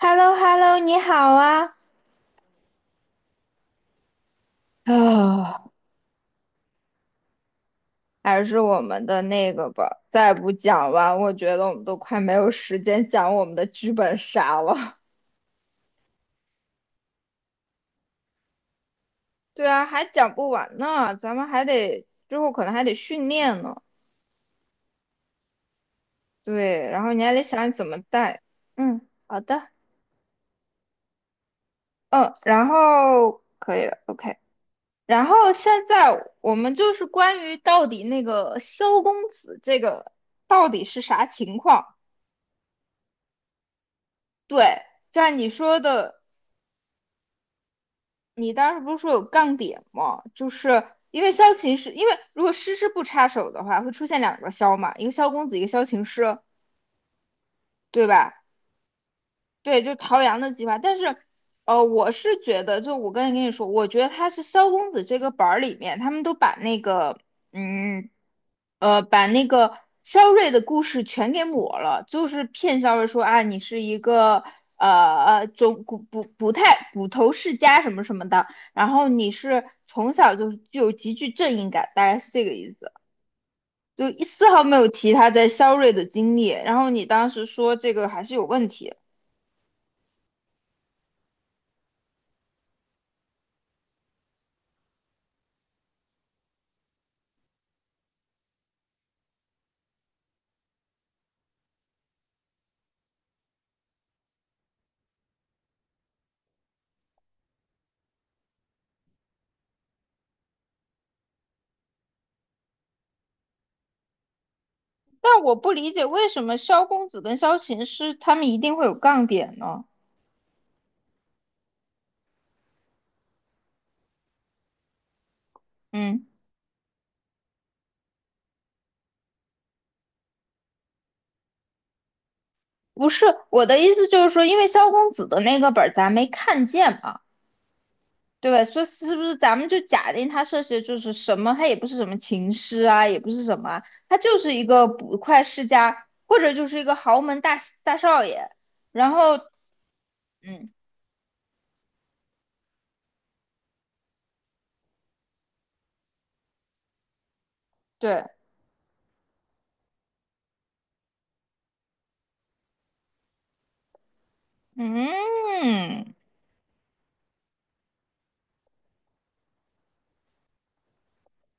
h e l l o h e l l o 你好啊！啊，还是我们的那个吧，再不讲完，我觉得我们都快没有时间讲我们的剧本杀了。对啊，还讲不完呢，咱们还得之后可能还得训练呢。对，然后你还得想怎么带。嗯，好的。嗯，然后可以了，OK。然后现在我们就是关于到底那个萧公子这个到底是啥情况？对，就像你说的。你当时不是说有杠点吗？就是因为萧琴师，因为如果诗诗不插手的话，会出现两个萧嘛，一个萧公子，一个萧琴师，对吧？对，就陶阳的计划。但是，我是觉得，就我刚才跟你说，我觉得他是萧公子这个本儿里面，他们都嗯，把那个萧睿的故事全给抹了，就是骗萧睿说啊，你是一个呃呃中捕捕捕太捕头世家什么什么的，然后你是从小就是具有极具正义感，大概是这个意思。就一丝毫没有提他在萧睿的经历，然后你当时说这个还是有问题。但我不理解为什么萧公子跟萧琴师他们一定会有杠点呢？嗯，不是，我的意思就是说，因为萧公子的那个本儿咱没看见嘛，对吧？所以是不是咱们就假定他涉嫌就是什么？他也不是什么琴师啊，也不是什么啊，他就是一个捕快世家，或者就是一个豪门大少爷。然后，嗯，对，嗯，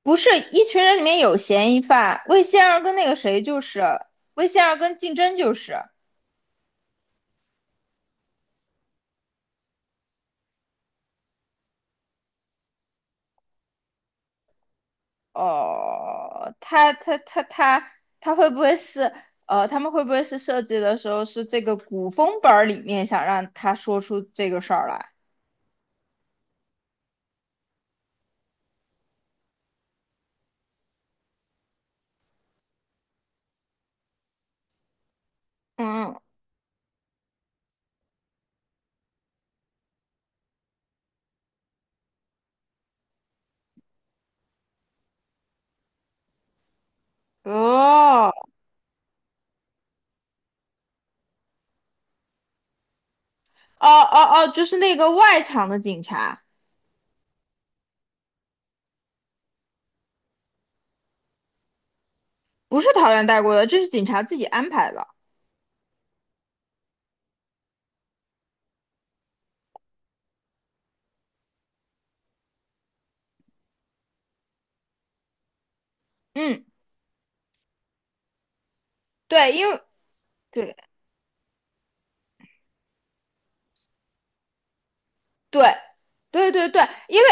不是，一群人里面有嫌疑犯，魏仙儿跟那个谁就是。魏仙儿跟竞争就是，哦，他会不会是他们会不会是设计的时候是这个古风本儿里面想让他说出这个事儿来？嗯，哦哦哦哦，就是那个外场的警察。不是桃园带过的，这是警察自己安排的。嗯，对，对对，对对对，因为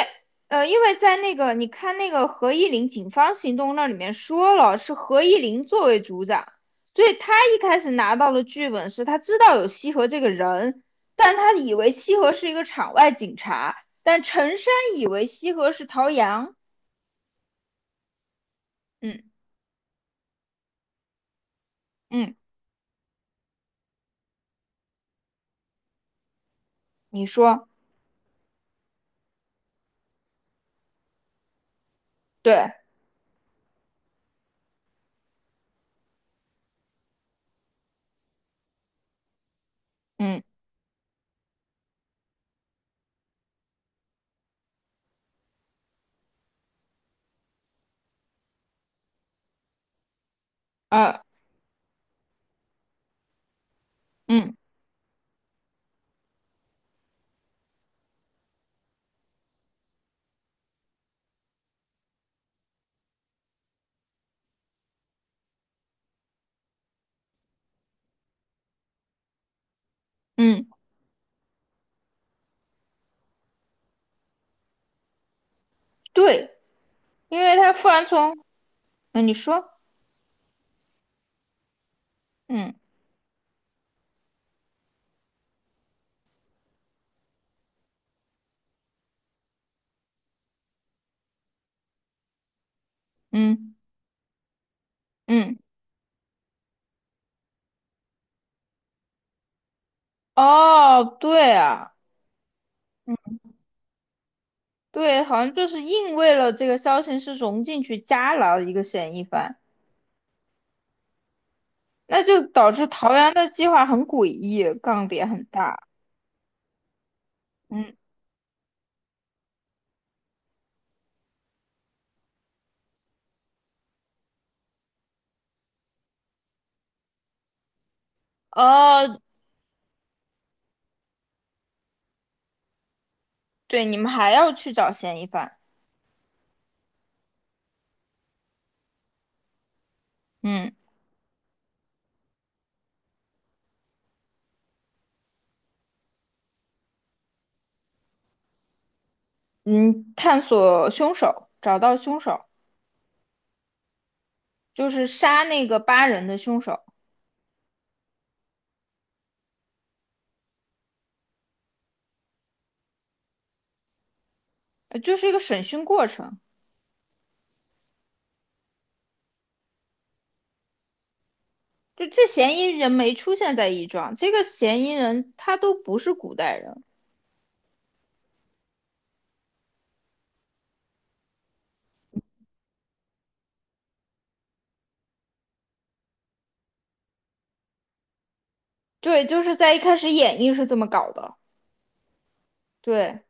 因为在那个你看那个何依林警方行动那里面说了，是何依林作为组长，所以他一开始拿到的剧本是他知道有西河这个人，但他以为西河是一个场外警察，但陈山以为西河是陶阳。嗯嗯，你说，对。嗯呃嗯嗯，对，因为他突然从。嗯，你说。嗯嗯嗯，哦对啊。对，好像就是硬为了这个消息是融进去加了一个嫌疑犯，那就导致桃园的计划很诡异，杠点很大。嗯，哦，对，你们还要去找嫌疑犯。嗯嗯，探索凶手，找到凶手，就是杀那个8人的凶手。就是一个审讯过程。就这嫌疑人没出现在一庄，这个嫌疑人他都不是古代人。对，就是在一开始演绎是这么搞的。对。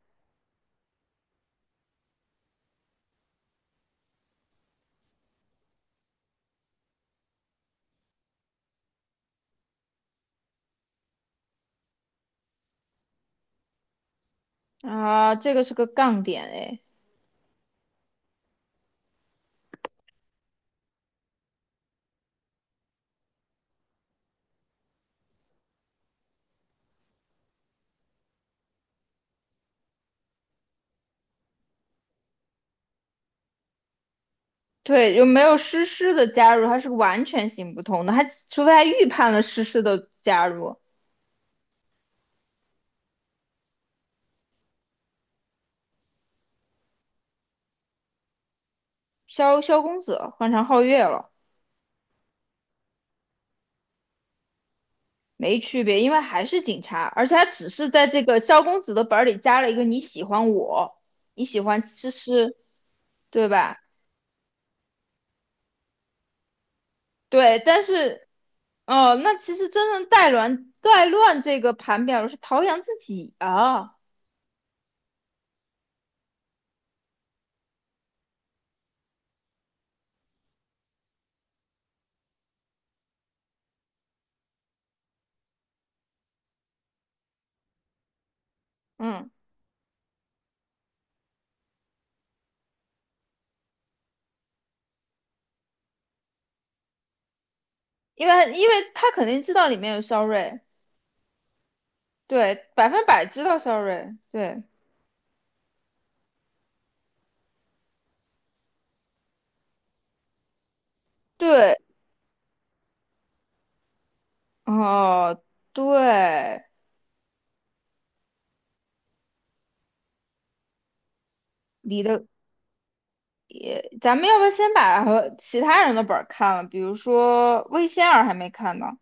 啊，这个是个杠点哎。对，有没有诗诗的加入，它是完全行不通的，他除非他预判了诗诗的加入。萧公子换成皓月了。没区别，因为还是警察，而且他只是在这个萧公子的本儿里加了一个你喜欢我，你喜欢诗诗，对吧？对，但是哦，那其实真正带乱这个盘表的是陶阳自己啊。嗯，因为他肯定知道里面有肖睿。对，百分百知道对对。哦，对，你的也，咱们要不要先把和其他人的本儿看了？比如说魏仙儿还没看呢。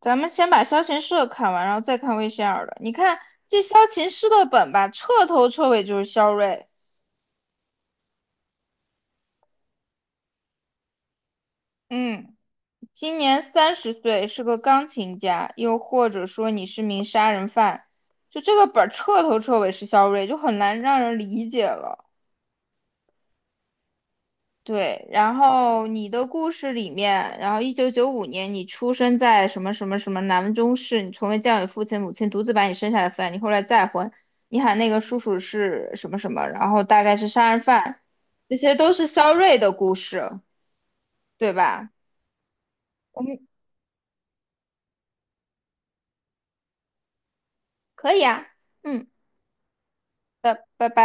咱们先把萧琴师的看完，然后再看魏仙儿的。你看这萧琴师的本吧，彻头彻尾就是肖睿。嗯，今年30岁，是个钢琴家，又或者说你是名杀人犯，就这个本儿彻头彻尾是肖睿，就很难让人理解了。对，然后你的故事里面，然后1995年你出生在什么什么什么南中市，你从未教育父亲母亲独自把你生下来抚养，你后来再婚，你喊那个叔叔是什么什么，然后大概是杀人犯，这些都是肖瑞的故事，对吧？我们可以啊。嗯，拜拜拜。